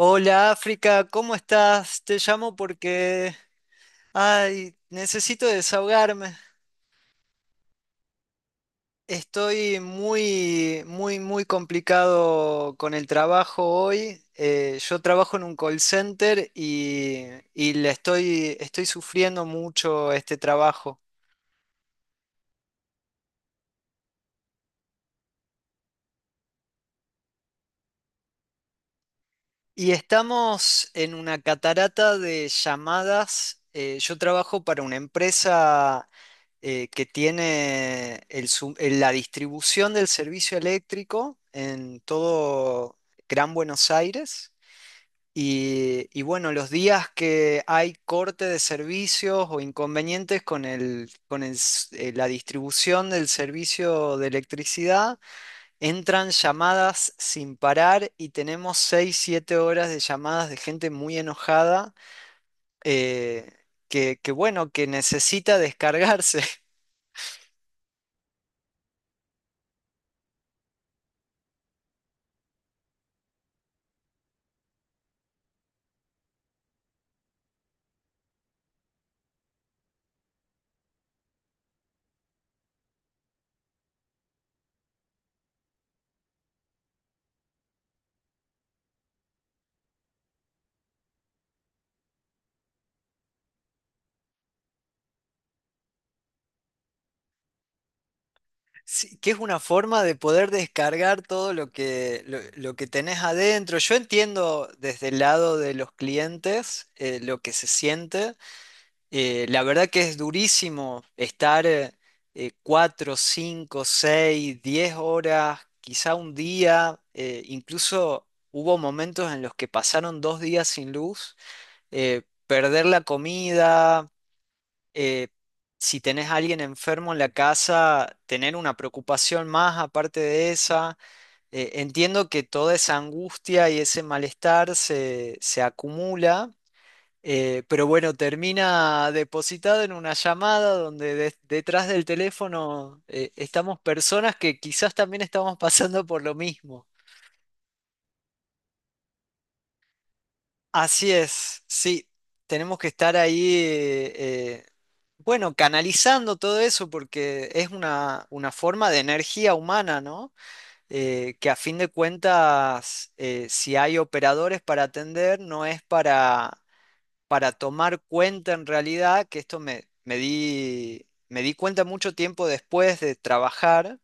Hola África, ¿cómo estás? Te llamo porque, ay, necesito desahogarme. Estoy muy, muy, muy complicado con el trabajo hoy. Yo trabajo en un call center y le estoy sufriendo mucho este trabajo. Y estamos en una catarata de llamadas. Yo trabajo para una empresa, que tiene la distribución del servicio eléctrico en todo Gran Buenos Aires. Y bueno, los días que hay corte de servicios o inconvenientes la distribución del servicio de electricidad, entran llamadas sin parar y tenemos 6 7 horas de llamadas de gente muy enojada, eh, que bueno, que necesita descargarse. Sí, que es una forma de poder descargar todo lo que tenés adentro. Yo entiendo desde el lado de los clientes, lo que se siente. La verdad que es durísimo estar 4, 5, 6, 10 horas, quizá un día. Incluso hubo momentos en los que pasaron 2 días sin luz, perder la comida, eh, si tenés a alguien enfermo en la casa, tener una preocupación más aparte de esa. Entiendo que toda esa angustia y ese malestar se acumula, pero bueno, termina depositado en una llamada donde detrás del teléfono, estamos personas que quizás también estamos pasando por lo mismo. Así es, sí, tenemos que estar ahí, eh, bueno, canalizando todo eso porque es una forma de energía humana, ¿no? Que a fin de cuentas, si hay operadores para atender, no es para tomar cuenta en realidad, que esto me di cuenta mucho tiempo después de trabajar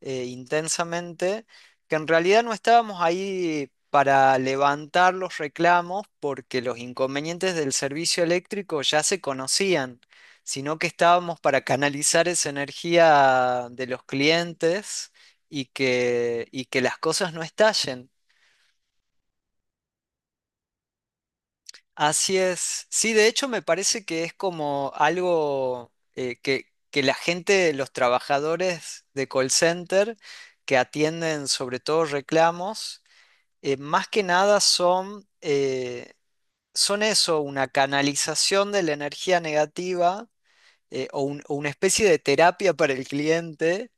intensamente, que en realidad no estábamos ahí para levantar los reclamos porque los inconvenientes del servicio eléctrico ya se conocían, sino que estábamos para canalizar esa energía de los clientes, y que las cosas no estallen. Así es. Sí, de hecho me parece que es como algo, que la gente, los trabajadores de call center que atienden sobre todo reclamos, más que nada son eso, una canalización de la energía negativa, o una especie de terapia para el cliente,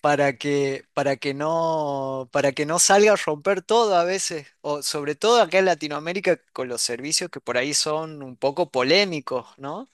para que no salga a romper todo a veces, o sobre todo acá en Latinoamérica con los servicios que por ahí son un poco polémicos, ¿no?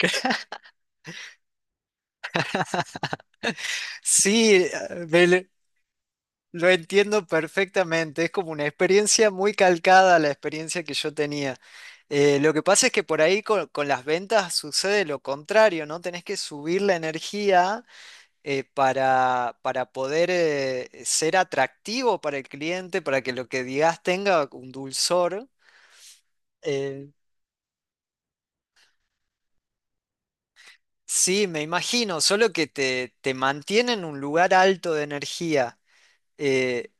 Sí, ah, lo entiendo perfectamente. Es como una experiencia muy calcada a la experiencia que yo tenía. Lo que pasa es que por ahí con las ventas sucede lo contrario, ¿no? Tenés que subir la energía, para poder ser atractivo para el cliente, para que lo que digas tenga un dulzor. Eh, sí, me imagino, solo que te mantiene en un lugar alto de energía. Eh,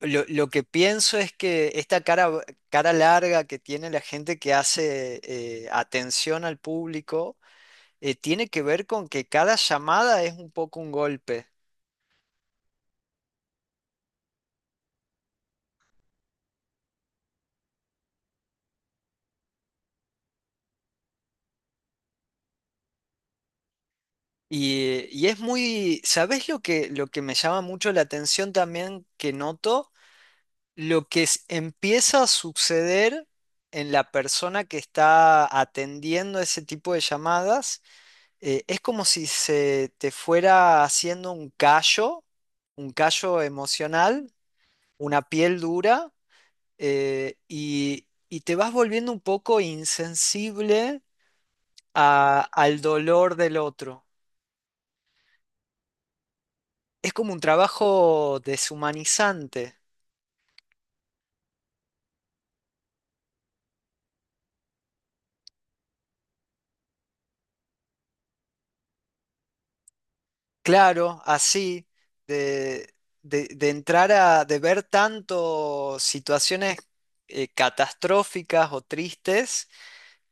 lo que pienso es que esta cara larga que tiene la gente que hace atención al público, tiene que ver con que cada llamada es un poco un golpe. Y es muy, ¿sabés lo que me llama mucho la atención también que noto? Lo que empieza a suceder en la persona que está atendiendo ese tipo de llamadas, es como si se te fuera haciendo un callo emocional, una piel dura, y te vas volviendo un poco insensible al dolor del otro. Es como un trabajo deshumanizante, claro, así, de, de ver tanto situaciones catastróficas o tristes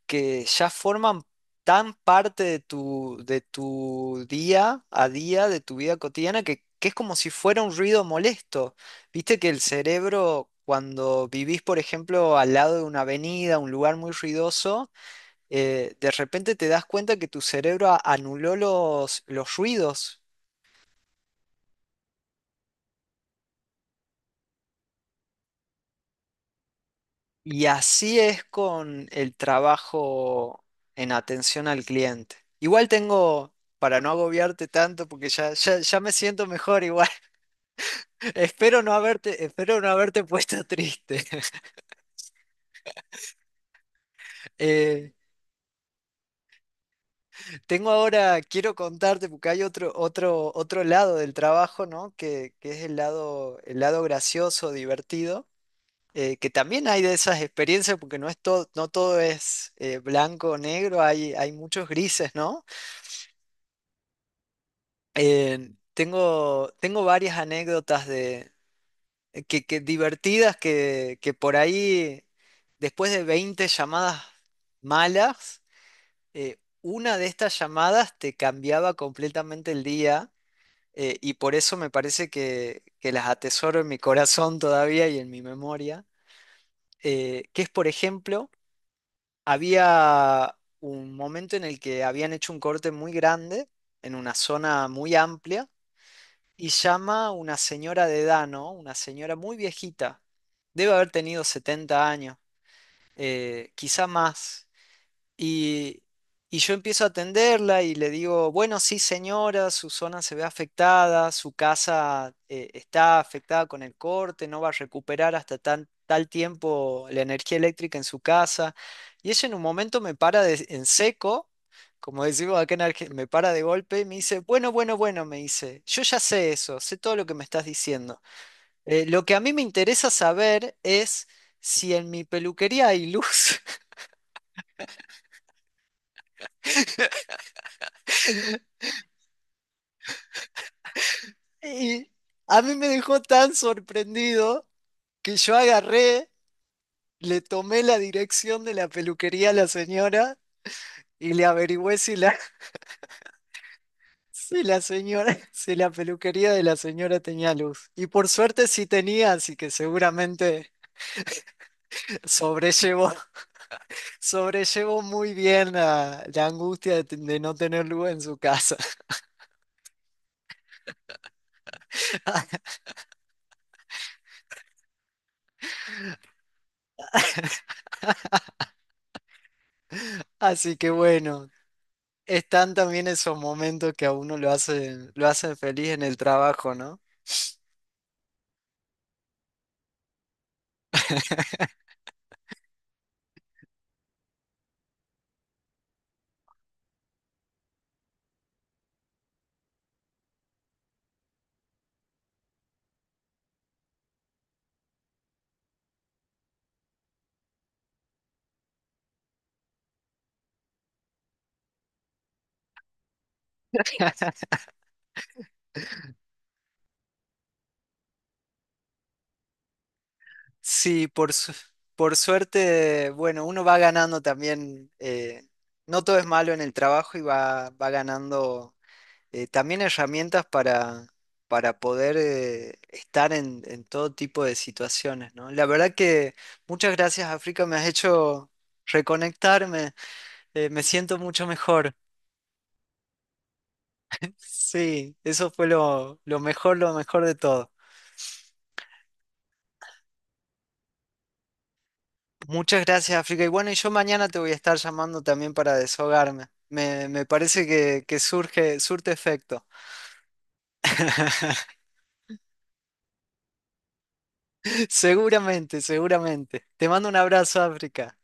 que ya forman tan parte de tu día a día, de tu vida cotidiana, que es como si fuera un ruido molesto. Viste que el cerebro, cuando vivís, por ejemplo, al lado de una avenida, un lugar muy ruidoso, de repente te das cuenta que tu cerebro anuló los ruidos, y así es con el trabajo en atención al cliente. Igual tengo, para no agobiarte tanto, porque ya me siento mejor igual. Espero no haberte puesto triste. Eh, tengo ahora, quiero contarte, porque hay otro lado del trabajo, ¿no? Que es el lado gracioso, divertido. Que también hay de esas experiencias, porque no todo es blanco o negro, hay muchos grises, ¿no? Tengo varias anécdotas que divertidas que por ahí, después de 20 llamadas malas, una de estas llamadas te cambiaba completamente el día. Y por eso me parece que las atesoro en mi corazón todavía y en mi memoria. Que es, por ejemplo, había un momento en el que habían hecho un corte muy grande en una zona muy amplia, y llama una señora de edad, ¿no? Una señora muy viejita, debe haber tenido 70 años, quizá más, y, y yo empiezo a atenderla y le digo, bueno, sí, señora, su zona se ve afectada, su casa está afectada con el corte, no va a recuperar hasta tal tiempo la energía eléctrica en su casa. Y ella en un momento me para en seco, como decimos acá en Argentina, me para de golpe y me dice, bueno, bueno, bueno, me dice, yo ya sé eso, sé todo lo que me estás diciendo. Lo que a mí me interesa saber es si en mi peluquería hay luz. Y a mí me dejó tan sorprendido que yo agarré, le tomé la dirección de la peluquería a la señora y le averigüé si la peluquería de la señora tenía luz. Y por suerte sí tenía, así que seguramente sobrellevó, sobrellevó muy bien la angustia de no tener luz en su casa. Así que bueno, están también esos momentos que a uno lo hacen feliz en el trabajo, ¿no? Sí, por suerte, bueno, uno va ganando también, no todo es malo en el trabajo y va ganando, también herramientas para poder estar en todo tipo de situaciones, ¿no? La verdad que muchas gracias, África, me has hecho reconectarme, me siento mucho mejor. Sí, eso fue lo mejor, lo mejor de todo. Muchas gracias, África. Y bueno, yo mañana te voy a estar llamando también para desahogarme. Me parece que surte efecto. Seguramente, seguramente. Te mando un abrazo, África.